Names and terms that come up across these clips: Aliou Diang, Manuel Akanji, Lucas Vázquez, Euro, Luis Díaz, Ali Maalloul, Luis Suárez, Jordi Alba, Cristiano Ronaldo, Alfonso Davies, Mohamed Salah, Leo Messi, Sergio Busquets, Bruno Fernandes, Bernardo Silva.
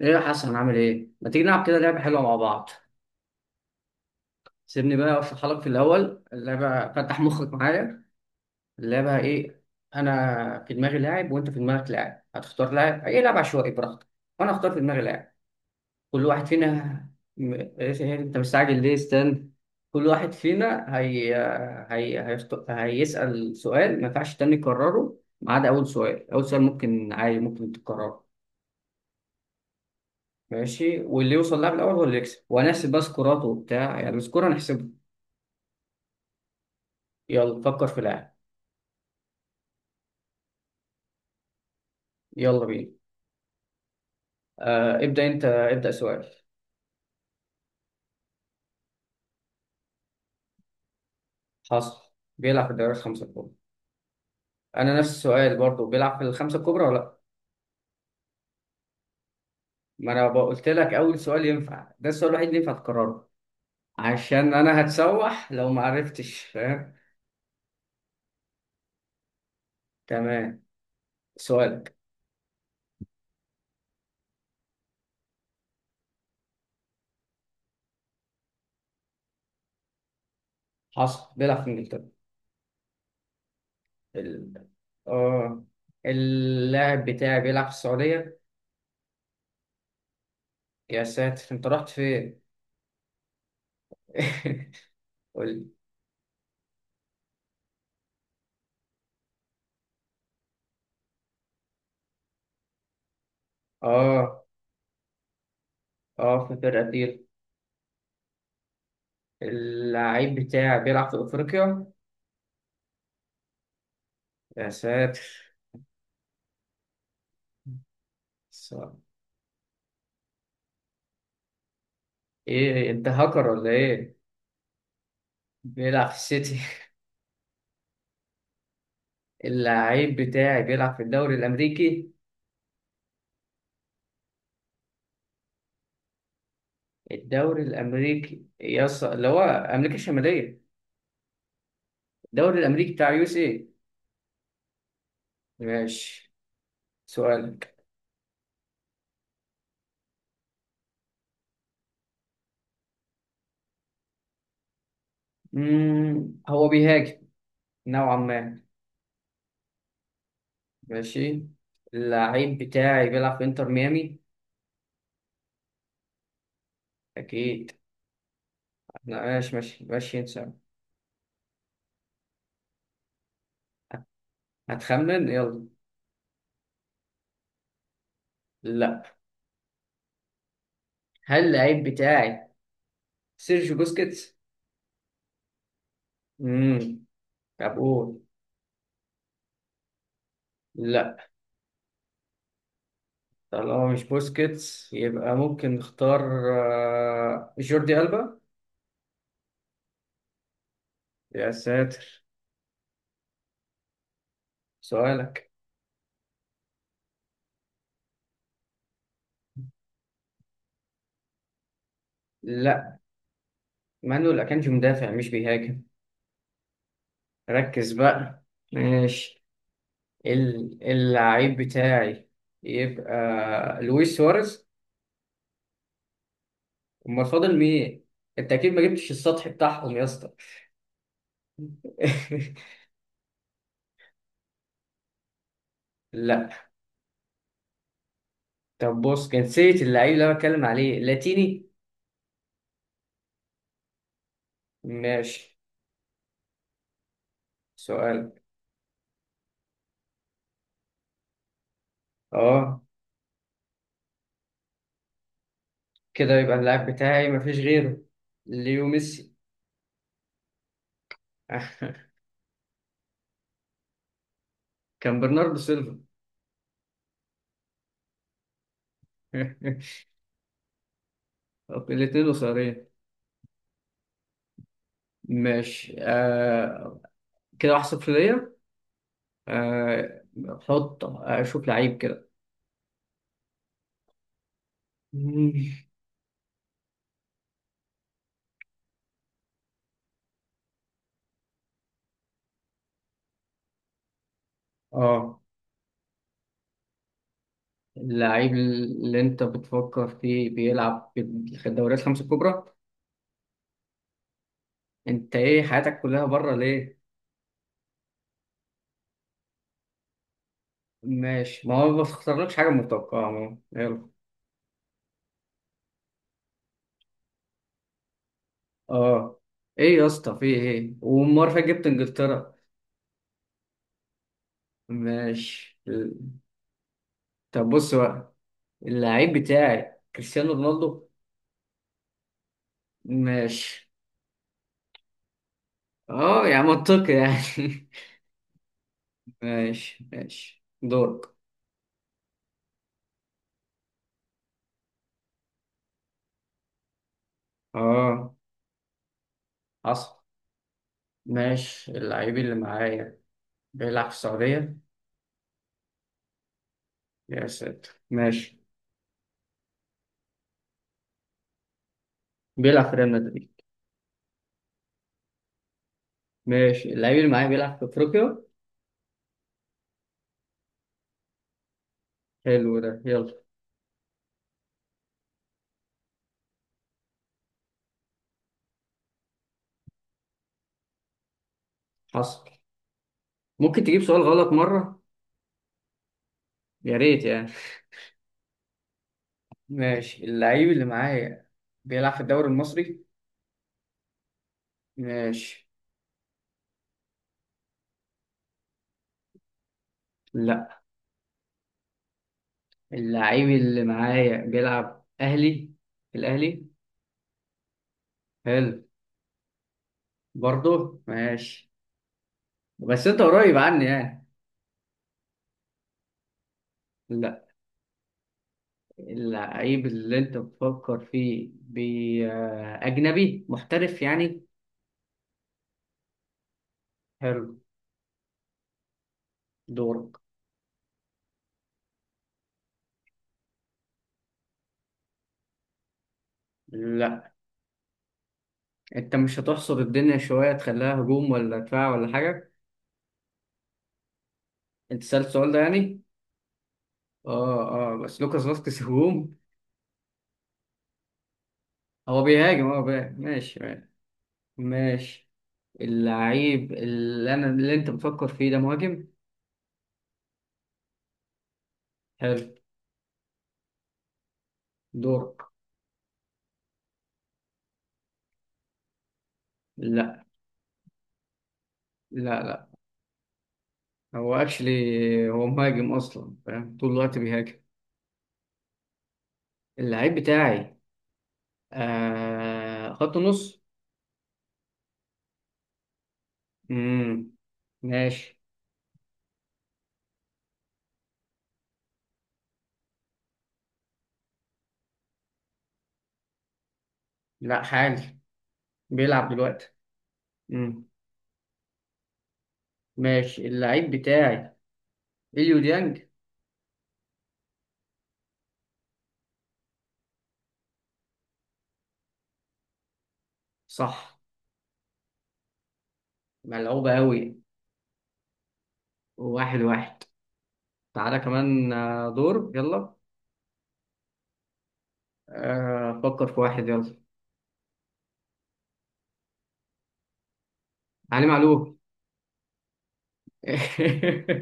ايه يا حسن عامل ايه؟ ما تيجي نلعب كده لعبة حلوة مع بعض. سيبني بقى اشرح لك في الأول اللعبة، فتح مخك معايا. اللعبة ايه؟ أنا في دماغي لاعب وأنت في دماغك لاعب، هتختار لاعب أي لاعب عشوائي براحتك، وأنا هختار في دماغي لاعب. كل واحد فينا م... إيه إيه، إيه، أنت مستعجل ليه؟ استنى. كل واحد فينا هيسأل سؤال ما ينفعش تاني يكرره ما عدا أول سؤال. أول سؤال ممكن عادي، ممكن تكرره. ماشي، واللي يوصل لاعب الاول هو اللي يكسب، وهنحسب بقى سكورات وبتاع، يعني السكور هنحسبه. يلا فكر في لاعب. يلا بينا. آه ابدا، انت ابدا سؤال. حصل، بيلعب في الدوري الخمسه الكبرى. انا نفس السؤال برضو، بيلعب في الخمسه الكبرى ولا لا؟ ما انا بقى قلت لك اول سؤال ينفع، ده السؤال الوحيد اللي ينفع تكرره. عشان انا هتسوح لو ما عرفتش، فاهم؟ تمام. سؤالك. حصل، بيلعب في انجلترا. ال... اه، اللاعب بتاعي بيلعب في السعوديه. يا ساتر، انت رحت فين؟ قول. اه اه، فاكر قتيل. اللعيب بتاع بيلعب في افريقيا. يا ساتر. س- ايه، انت هاكر ولا ايه؟ بيلعب في السيتي. اللعيب بتاعي بيلعب في الدوري الامريكي. الدوري الامريكي اللي هو امريكا الشماليه. الدوري الامريكي بتاع يو اس اي. ماشي. سؤالك. مم، هو بيهاجم نوعا ما. ماشي. اللعيب بتاعي بيلعب في انتر ميامي. اكيد. لا، ماشي ماشي ماشي انسى. هتخمن يلا. لا. هل اللعيب بتاعي سيرجيو بوسكيتس؟ امم، طب قول. لا. طالما مش بوسكيتس يبقى ممكن نختار. آه، جوردي ألبا. يا ساتر. سؤالك. لا، مانويل أكانجي مدافع مش بيهاجم. ركز بقى. ماشي. اللعيب بتاعي يبقى لويس سواريز. امال فاضل مين؟ انت اكيد ما جبتش السطح بتاعهم يا اسطى. لا. طب بص، جنسية اللعيب اللي أنا بتكلم عليه لاتيني. ماشي. سؤال. اه، كده يبقى اللاعب بتاعي مفيش غيره، ليو ميسي. كان برناردو سيلفا. طب الاتنين قصيرين. ماشي آه. كده واحد صفر ليا. آه، حط اشوف لعيب كده. مم. اه، اللعيب اللي انت بتفكر فيه بيلعب في الدوريات الخمسة الكبرى. انت ايه حياتك كلها بره ليه؟ ماشي، ما هو ما بختارلكش حاجة متوقعة. ما هو. يلا. اه. ايه يا اسطى في ايه؟ والمرة اللي فاتت جبت انجلترا. ماشي. طب بص بقى، اللعيب بتاعي كريستيانو رونالدو. ماشي. اه، يعني منطقي يعني. ماشي ماشي، دورك. اه، حصل. ماشي، اللعيب اللي معايا بيلعب في السعودية. يا ساتر، ماشي. بيلعب في ريال مدريد. ماشي، اللعيب اللي معايا بيلعب في افريقيا. حلو ده، يلا. حصل. ممكن تجيب سؤال غلط مرة؟ يا ريت يعني. ماشي، اللعيب اللي معايا بيلعب في الدوري المصري. ماشي. لا، اللعيب اللي معايا بيلعب أهلي، في الأهلي. حلو. برضه ماشي. بس أنت قريب عني يعني. لا، اللعيب اللي أنت بتفكر فيه بي آه، أجنبي محترف يعني. حلو. دورك. لا، أنت مش هتحصر الدنيا شوية؟ تخليها هجوم ولا دفاع ولا حاجة. أنت سألت السؤال ده يعني. اه اه، بس لوكاس فاسكيز هجوم. هو بيهاجم اه ماشي ماشي. ماشي. اللعيب اللي انت بتفكر فيه ده مهاجم. حلو. دورك. لا لا. لا هو اكشلي هو مهاجم اصلا، فاهم؟ طول الوقت بيهاجم. اللعيب بتاعي آه خط نص. امم. ماشي. لا حالي، بيلعب دلوقتي. امم. ماشي. اللعيب بتاعي اليو ديانج. صح. ملعوبة قوي. واحد واحد. تعالى كمان آه، دور يلا. آه، فكر في واحد يلا. علي معلول.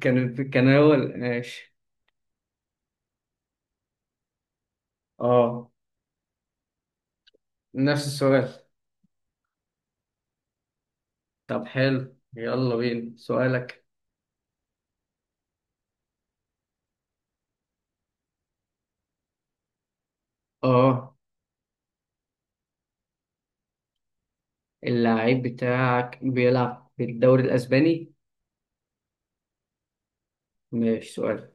كان اول ماشي. اه، نفس السؤال. طب حلو، يلا بينا سؤالك. اه، اللعيب بتاعك بيلعب في الدوري الاسباني؟ ماشي سؤال.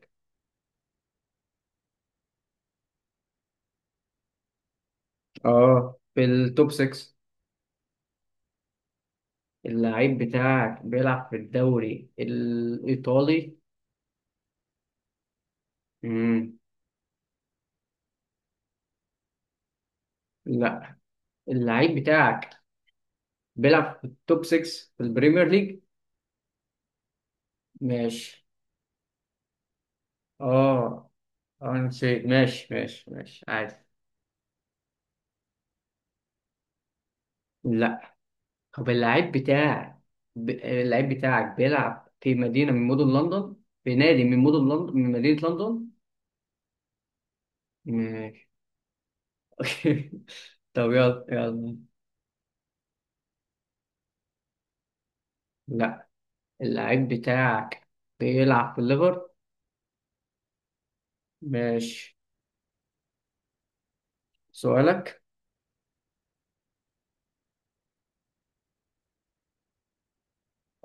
اه، في التوب 6. اللعيب بتاعك بيلعب في الدوري الايطالي؟ امم. لا، اللعيب بتاعك بيلعب في التوب 6 في البريمير ليج. ماشي. اه. آه، انا نسيت. ماشي ماشي ماشي عادي. لا. طب اللاعب بتاعك اللاعب بتاعك بيلعب في مدينة من مدن لندن، في نادي من مدن لندن، من مدينة لندن. ماشي. طب يلا يلا. لا، اللاعب بتاعك بيلعب في الليفر. ماشي. سؤالك.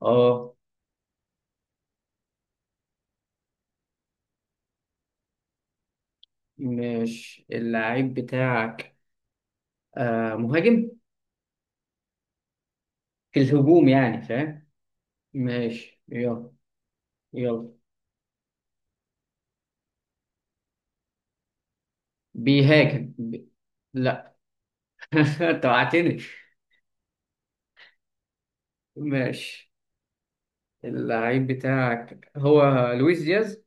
اه. ماشي، اللاعب بتاعك آه مهاجم، في الهجوم يعني فاهم. ماشي يلا. يلا. بيهاجم لا. انت وقعتني. ماشي. اللعيب بتاعك هو لويس دياز.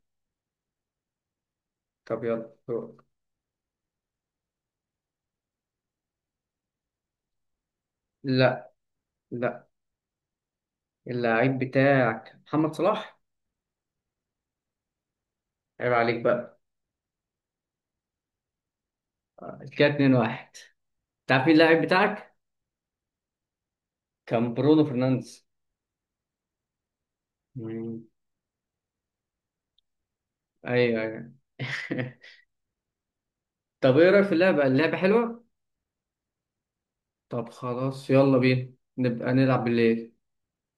طب يلا دورك. لا. لا، اللعيب بتاعك محمد صلاح. عيب عليك بقى. كده 2 واحد. تعرف مين اللعيب بتاعك؟ كان برونو فرنانديز. مم. ايوه ايوه. طب ايه رايك في اللعبه؟ اللعبه حلوه. طب خلاص، يلا بينا نبقى نلعب بالليل.